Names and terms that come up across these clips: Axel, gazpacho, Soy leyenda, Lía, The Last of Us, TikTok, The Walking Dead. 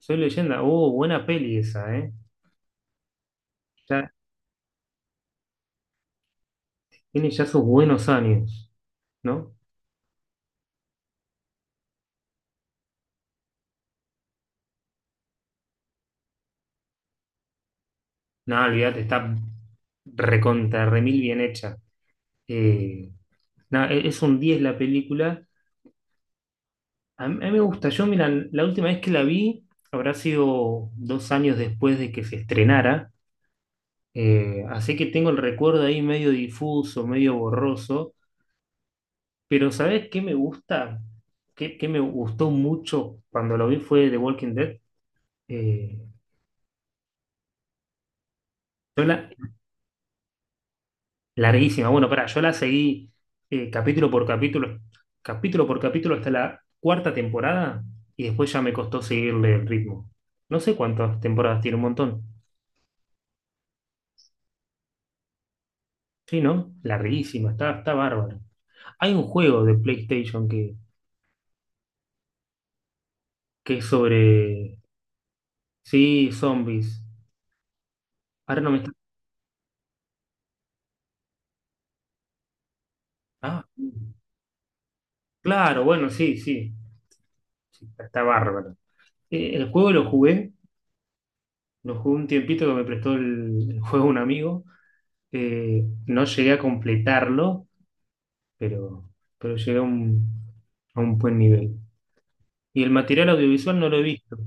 Soy Leyenda. Oh, buena peli esa, ¿eh? Ya, tiene ya sus buenos años, ¿no? No, olvídate, está recontra, remil bien hecha. Eh, no, es un 10 la película. A mí me gusta. Yo, mira, la última vez que la vi habrá sido 2 años después de que se estrenara. Así que tengo el recuerdo ahí medio difuso, medio borroso. Pero ¿sabes qué me gusta? ¿Qué me gustó mucho cuando lo vi fue The Walking Dead? Eh, yo la, Larguísima. Bueno, pará, yo la seguí eh, capítulo por capítulo, capítulo por capítulo hasta la cuarta temporada y después ya me costó seguirle el ritmo. No sé cuántas temporadas tiene, un montón. Sí, ¿no? Larguísima, está bárbaro. Hay un juego de PlayStation que es sobre, sí, zombies. Ahora no me está. Ah, claro, bueno, sí, sí, sí, está bárbaro. El juego lo jugué un tiempito que me prestó el juego un amigo. No llegué a completarlo, pero, pero llegué a un buen nivel. Y el material audiovisual no lo he visto.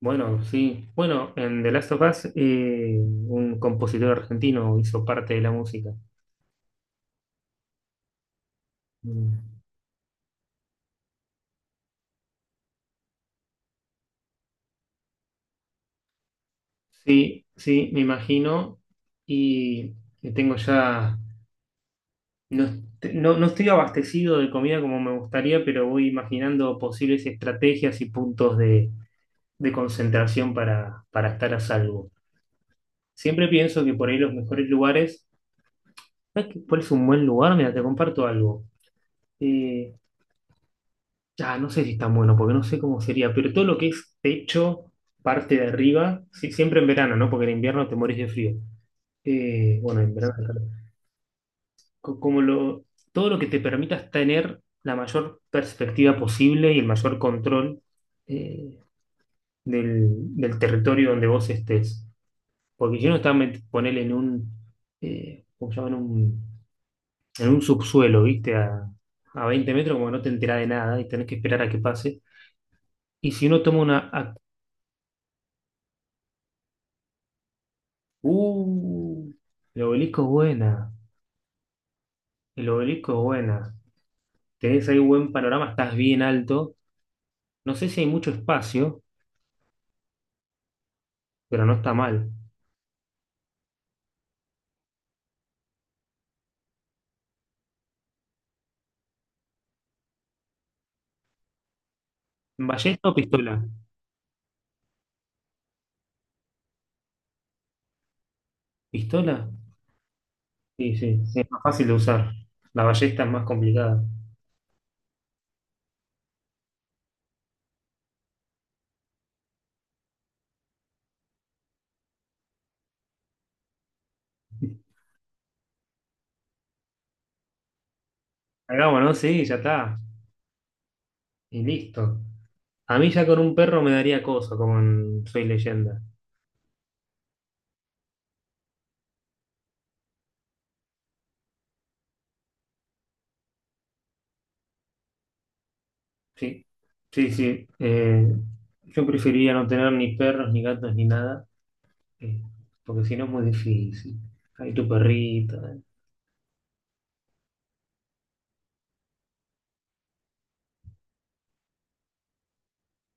Bueno, sí. Bueno, en The Last of Us, un compositor argentino hizo parte de la música. Mm. Sí, sí, me imagino. Y, y tengo ya. No, no, no estoy abastecido de comida como me gustaría, pero voy imaginando posibles estrategias y puntos de concentración para estar a salvo. Siempre pienso que por ahí los mejores lugares. ¿Sabes cuál es un buen lugar? Mira, te comparto algo. Eh, ah, no sé si es tan bueno, porque no sé cómo sería, pero todo lo que es techo, parte de arriba, sí, siempre en verano, ¿no? Porque en invierno te morís de frío. Bueno, en verano, claro. Co- Como lo, Todo lo que te permitas tener la mayor perspectiva posible y el mayor control, eh, del, del territorio donde vos estés. Porque si uno está, ponele en un, ¿cómo se llama? En un subsuelo, ¿viste? A 20 metros, como no te enterás de nada y tenés que esperar a que pase. Y si uno toma una. ¡Uh! El obelisco es buena. El obelisco es buena. Tenés ahí buen panorama, estás bien alto. No sé si hay mucho espacio, pero no está mal. ¿Ballesta o pistola? ¿Pistola? Sí, sí, sí, es más fácil de usar. La ballesta es más complicada. Hagámonos, ¿no? Sí, ya está. Y listo. A mí ya con un perro me daría cosa, como en Soy Leyenda. Sí, sí, sí. Yo preferiría no tener ni perros, ni gatos, ni nada, eh, porque si no es muy difícil. Hay tu perrita.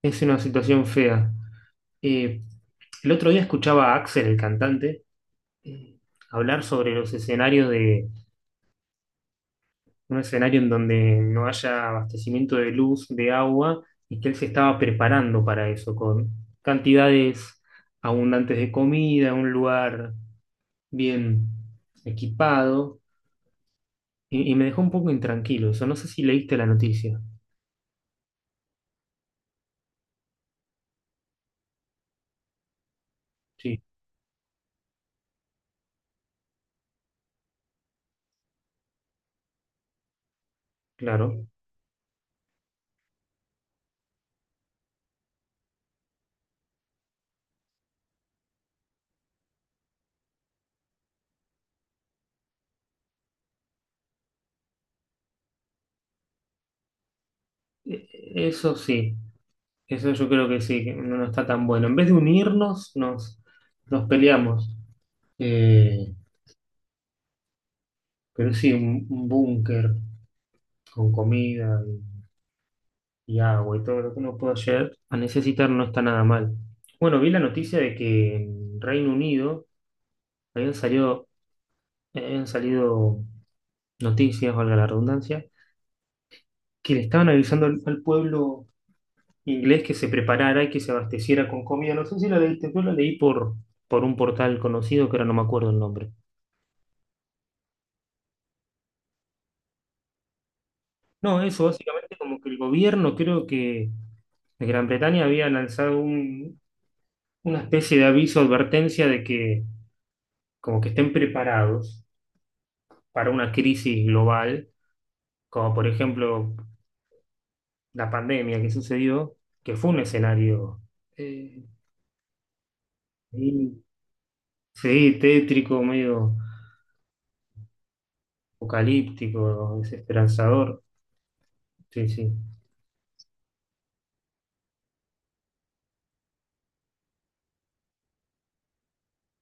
Es una situación fea. Eh, el otro día escuchaba a Axel, el cantante, eh, hablar sobre los escenarios de un escenario en donde no haya abastecimiento de luz, de agua, y que él se estaba preparando para eso, con cantidades abundantes de comida, un lugar bien equipado. Y me dejó un poco intranquilo eso. No sé si leíste la noticia. Sí, claro. E- Eso sí, eso yo creo que sí, que no, no está tan bueno. En vez de unirnos, nos peleamos. Eh, pero sí, un búnker con comida y agua y todo lo que uno pueda llegar a necesitar no está nada mal. Bueno, vi la noticia de que en Reino Unido habían salido, habían salido noticias, valga la redundancia, que le estaban avisando al pueblo inglés que se preparara y que se abasteciera con comida. No sé si la leíste, yo la leí por un portal conocido que ahora no me acuerdo el nombre. No, eso básicamente como que el gobierno, creo que de Gran Bretaña había lanzado una especie de aviso, advertencia de que como que estén preparados para una crisis global, como por ejemplo la pandemia que sucedió, que fue un escenario eh, y- sí, tétrico, medio apocalíptico, desesperanzador. Sí, sí.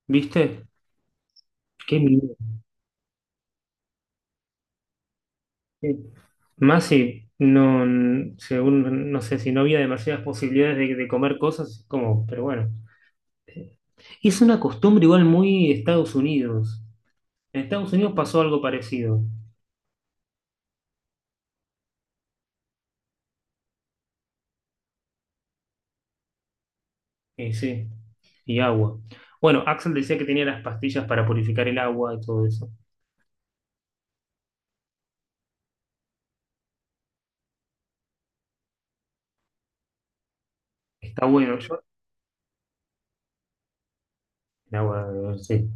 ¿Viste? Qué miedo. qué- Más si no, según, no sé, si no había demasiadas posibilidades de comer cosas, como, pero bueno. Es una costumbre igual muy Estados Unidos. En Estados Unidos pasó algo parecido. Sí, y agua. Bueno, Axel decía que tenía las pastillas para purificar el agua y todo eso. Está bueno, yo. El agua, sí.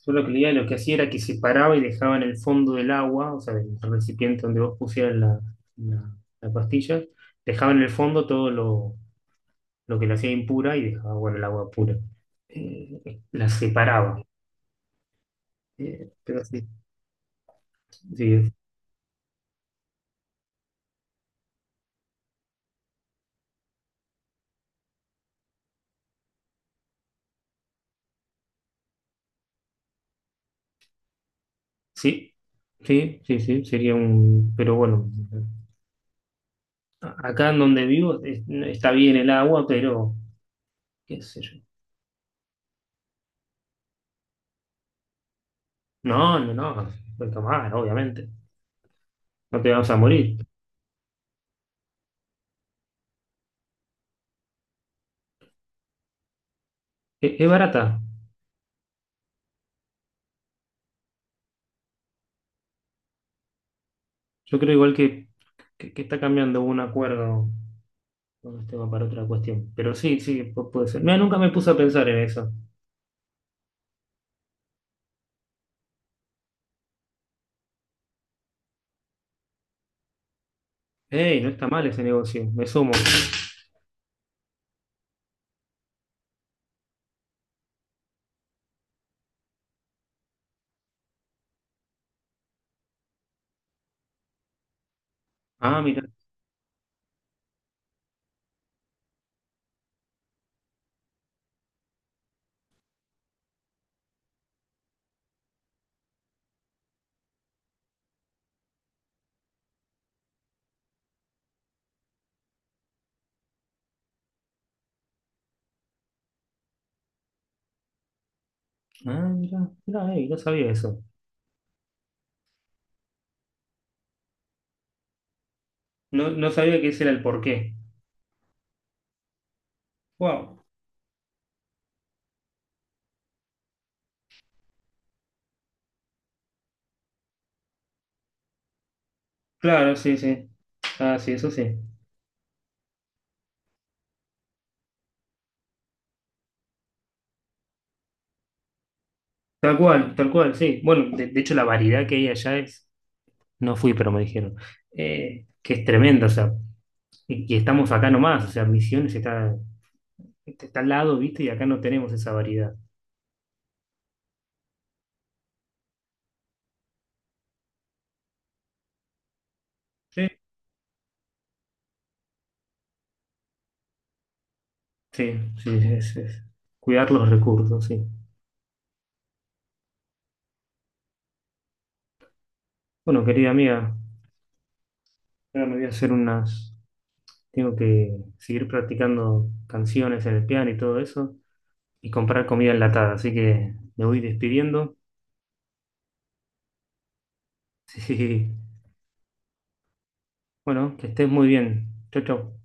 Solo que Lía lo que hacía era que separaba y dejaba en el fondo del agua, o sea, del recipiente donde vos pusieras la pastilla, dejaba en el fondo todo lo que la hacía impura y dejaba, bueno, el agua pura. La separaba. Pero sí, sí, sí, sí, sí, sí, sería un. Pero bueno, acá en donde vivo no, está bien el agua, pero qué sé yo. No, no, no, puedes tomar, obviamente. No te vas a morir. Es barata. Yo creo igual que está cambiando un acuerdo con este tema para otra cuestión. Pero sí, sí, puede ser. Mira, nunca me puse a pensar en eso. Ey, no está mal ese negocio, me sumo. Ah, mira, ah, mira, mira, ey, no sabía eso. No, no sabía que ese era el porqué. Wow. Claro, sí, sí. Ah, sí, eso sí. Tal cual, sí. Bueno, de hecho la variedad que hay allá es, no fui, pero me dijeron, que es tremenda, o sea, y estamos acá nomás, o sea, Misiones está al lado, ¿viste? Y acá no tenemos esa variedad. Sí, sí, sí, es cuidar los recursos, sí. Bueno, querida amiga, ahora me voy a hacer unas, tengo que seguir practicando canciones en el piano y todo eso, y comprar comida enlatada, así que me voy despidiendo. Sí, bueno, que estés muy bien. Chau, chau.